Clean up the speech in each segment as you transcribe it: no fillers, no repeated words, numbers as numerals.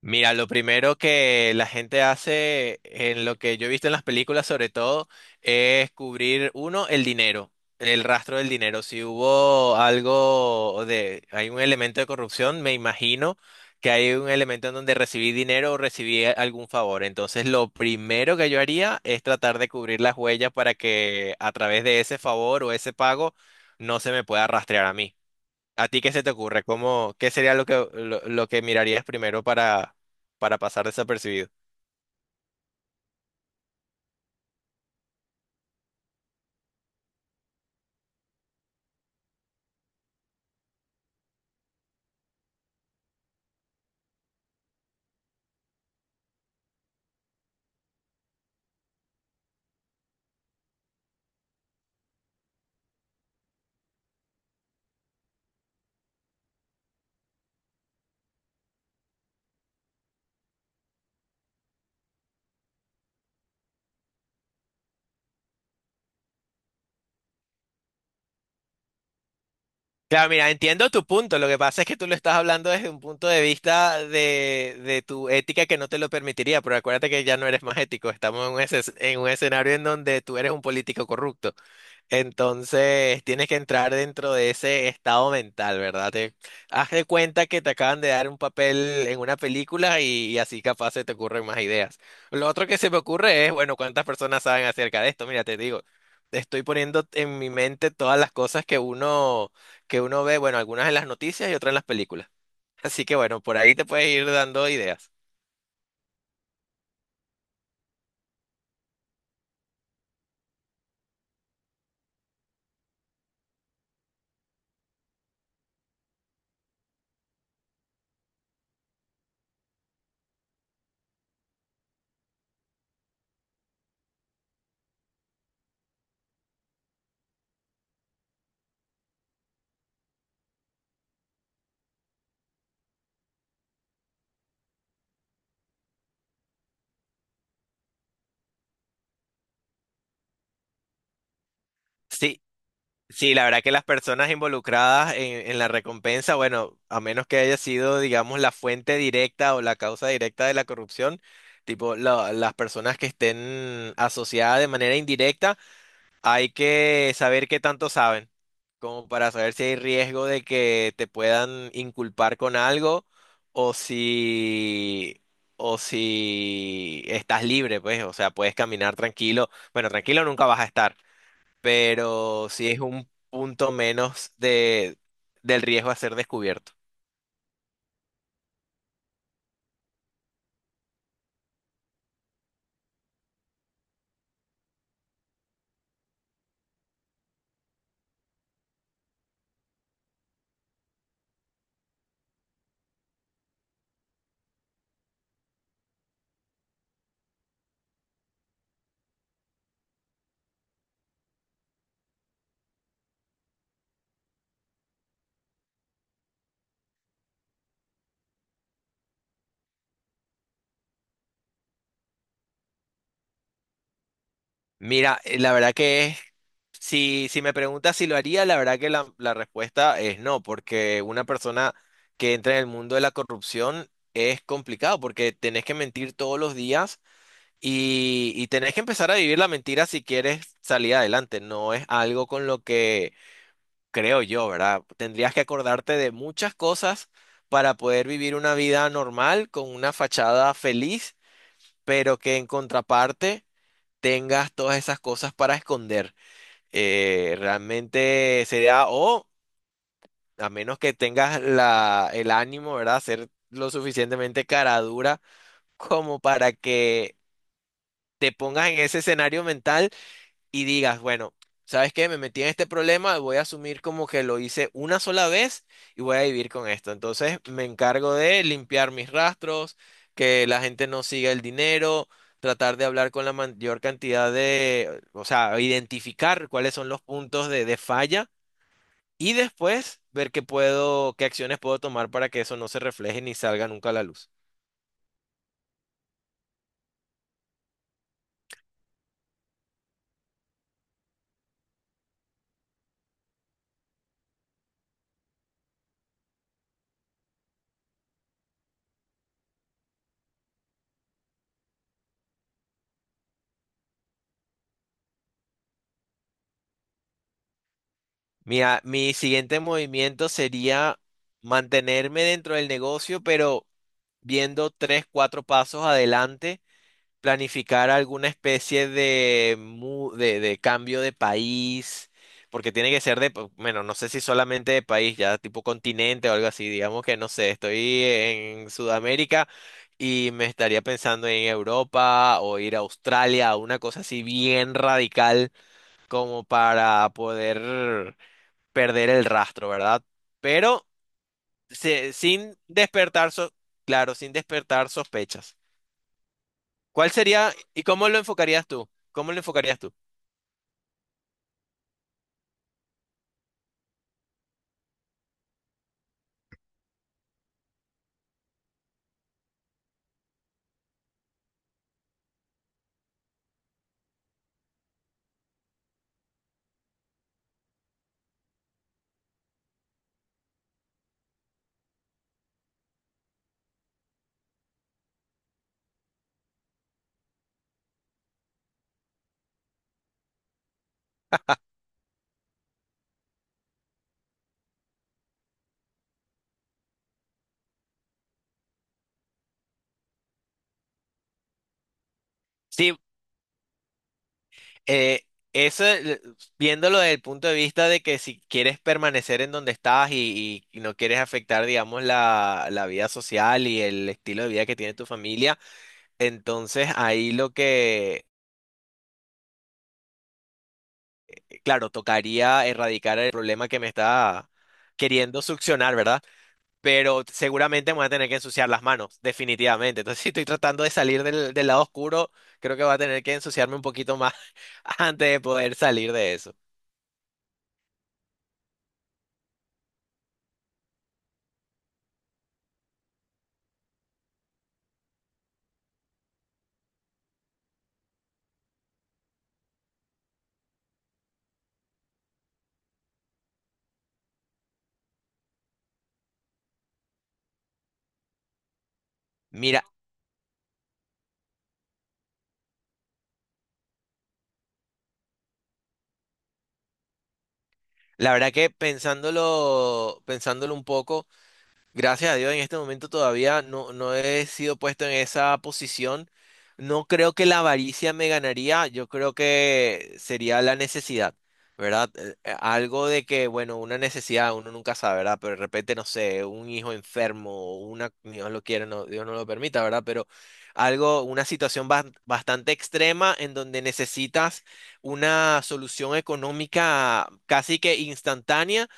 Mira, lo primero que la gente hace en lo que yo he visto en las películas sobre todo es cubrir, uno, el dinero, el rastro del dinero. Si hubo algo de, hay un elemento de corrupción, me imagino que hay un elemento en donde recibí dinero o recibí algún favor. Entonces, lo primero que yo haría es tratar de cubrir las huellas para que a través de ese favor o ese pago no se me pueda rastrear a mí. ¿A ti qué se te ocurre? ¿Cómo, qué sería lo que, lo que mirarías primero para pasar desapercibido? Claro, mira, entiendo tu punto. Lo que pasa es que tú lo estás hablando desde un punto de vista de tu ética que no te lo permitiría, pero acuérdate que ya no eres más ético. Estamos en un, en un escenario en donde tú eres un político corrupto. Entonces tienes que entrar dentro de ese estado mental, ¿verdad? Te, haz de cuenta que te acaban de dar un papel en una película y así capaz se te ocurren más ideas. Lo otro que se me ocurre es, bueno, ¿cuántas personas saben acerca de esto? Mira, te digo, estoy poniendo en mi mente todas las cosas que uno ve, bueno, algunas en las noticias y otras en las películas. Así que bueno, por ahí te puedes ir dando ideas. Sí, sí, la verdad que las personas involucradas en la recompensa, bueno, a menos que haya sido, digamos, la fuente directa o la causa directa de la corrupción, tipo las personas que estén asociadas de manera indirecta, hay que saber qué tanto saben, como para saber si hay riesgo de que te puedan inculpar con algo o si, o si estás libre, pues, o sea, puedes caminar tranquilo. Bueno, tranquilo nunca vas a estar, pero sí es un punto menos de, del riesgo a ser descubierto. Mira, la verdad que es, si, si me preguntas si lo haría, la verdad que la respuesta es no, porque una persona que entra en el mundo de la corrupción es complicado, porque tenés que mentir todos los días y tenés que empezar a vivir la mentira si quieres salir adelante. No es algo con lo que creo yo, ¿verdad? Tendrías que acordarte de muchas cosas para poder vivir una vida normal, con una fachada feliz, pero que en contraparte tengas todas esas cosas para esconder. Realmente sería, o a menos que tengas la, el ánimo, ¿verdad? Ser lo suficientemente cara dura como para que te pongas en ese escenario mental y digas, bueno, ¿sabes qué? Me metí en este problema, voy a asumir como que lo hice una sola vez y voy a vivir con esto. Entonces me encargo de limpiar mis rastros, que la gente no siga el dinero, tratar de hablar con la mayor cantidad de, o sea, identificar cuáles son los puntos de falla y después ver qué puedo, qué acciones puedo tomar para que eso no se refleje ni salga nunca a la luz. Mi, mi siguiente movimiento sería mantenerme dentro del negocio, pero viendo tres, cuatro pasos adelante, planificar alguna especie de, de cambio de país, porque tiene que ser de, bueno, no sé si solamente de país, ya tipo continente o algo así, digamos que no sé, estoy en Sudamérica y me estaría pensando en Europa o ir a Australia, una cosa así bien radical como para poder perder el rastro, ¿verdad? Pero sin despertar, claro, sin despertar sospechas. ¿Cuál sería y cómo lo enfocarías tú? ¿Cómo lo enfocarías tú? Sí, eh, eso, viéndolo desde el punto de vista de que si quieres permanecer en donde estás y, y no quieres afectar, digamos, la vida social y el estilo de vida que tiene tu familia, entonces ahí lo que, claro, tocaría erradicar el problema que me está queriendo succionar, ¿verdad? Pero seguramente me voy a tener que ensuciar las manos, definitivamente. Entonces, si estoy tratando de salir del, del lado oscuro, creo que voy a tener que ensuciarme un poquito más antes de poder salir de eso. Mira, la verdad que pensándolo, pensándolo un poco. Gracias a Dios, en este momento todavía no, no he sido puesto en esa posición. No creo que la avaricia me ganaría, yo creo que sería la necesidad, ¿verdad? Algo de que, bueno, una necesidad, uno nunca sabe, ¿verdad? Pero de repente, no sé, un hijo enfermo, o una, Dios lo quiera, no, Dios no lo permita, ¿verdad? Pero algo, una situación bastante extrema en donde necesitas una solución económica casi que instantánea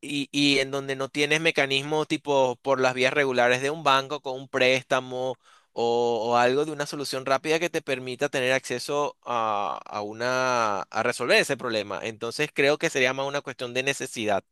y en donde no tienes mecanismos tipo por las vías regulares de un banco con un préstamo o algo de una solución rápida que te permita tener acceso a una, a resolver ese problema. Entonces creo que sería más una cuestión de necesidad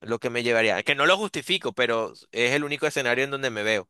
lo que me llevaría. Que no lo justifico, pero es el único escenario en donde me veo.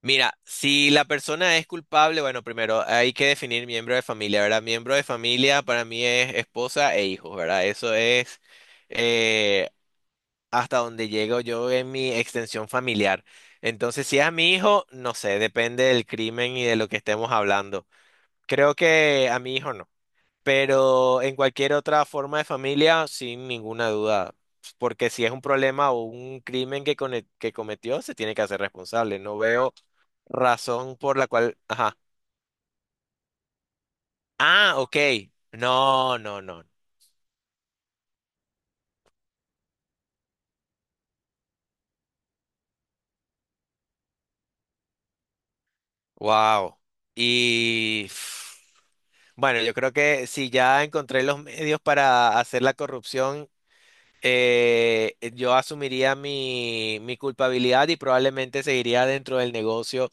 Mira, si la persona es culpable, bueno, primero hay que definir miembro de familia, ¿verdad? Miembro de familia para mí es esposa e hijos, ¿verdad? Eso es eh, hasta donde llego yo en mi extensión familiar. Entonces, si es a mi hijo, no sé, depende del crimen y de lo que estemos hablando. Creo que a mi hijo no, pero en cualquier otra forma de familia, sin ninguna duda, porque si es un problema o un crimen que, que cometió, se tiene que hacer responsable. No veo razón por la cual... Ajá. Ah, ok. No, no, no. Wow. Y pf, bueno, yo creo que si ya encontré los medios para hacer la corrupción, yo asumiría mi, mi culpabilidad y probablemente seguiría dentro del negocio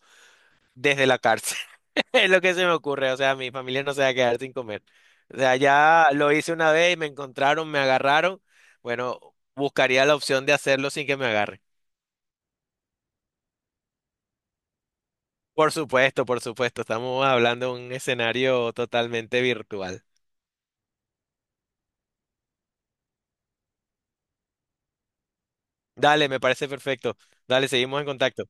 desde la cárcel. Es lo que se me ocurre. O sea, mi familia no se va a quedar sin comer. O sea, ya lo hice una vez y me encontraron, me agarraron. Bueno, buscaría la opción de hacerlo sin que me agarren. Por supuesto, por supuesto. Estamos hablando de un escenario totalmente virtual. Dale, me parece perfecto. Dale, seguimos en contacto.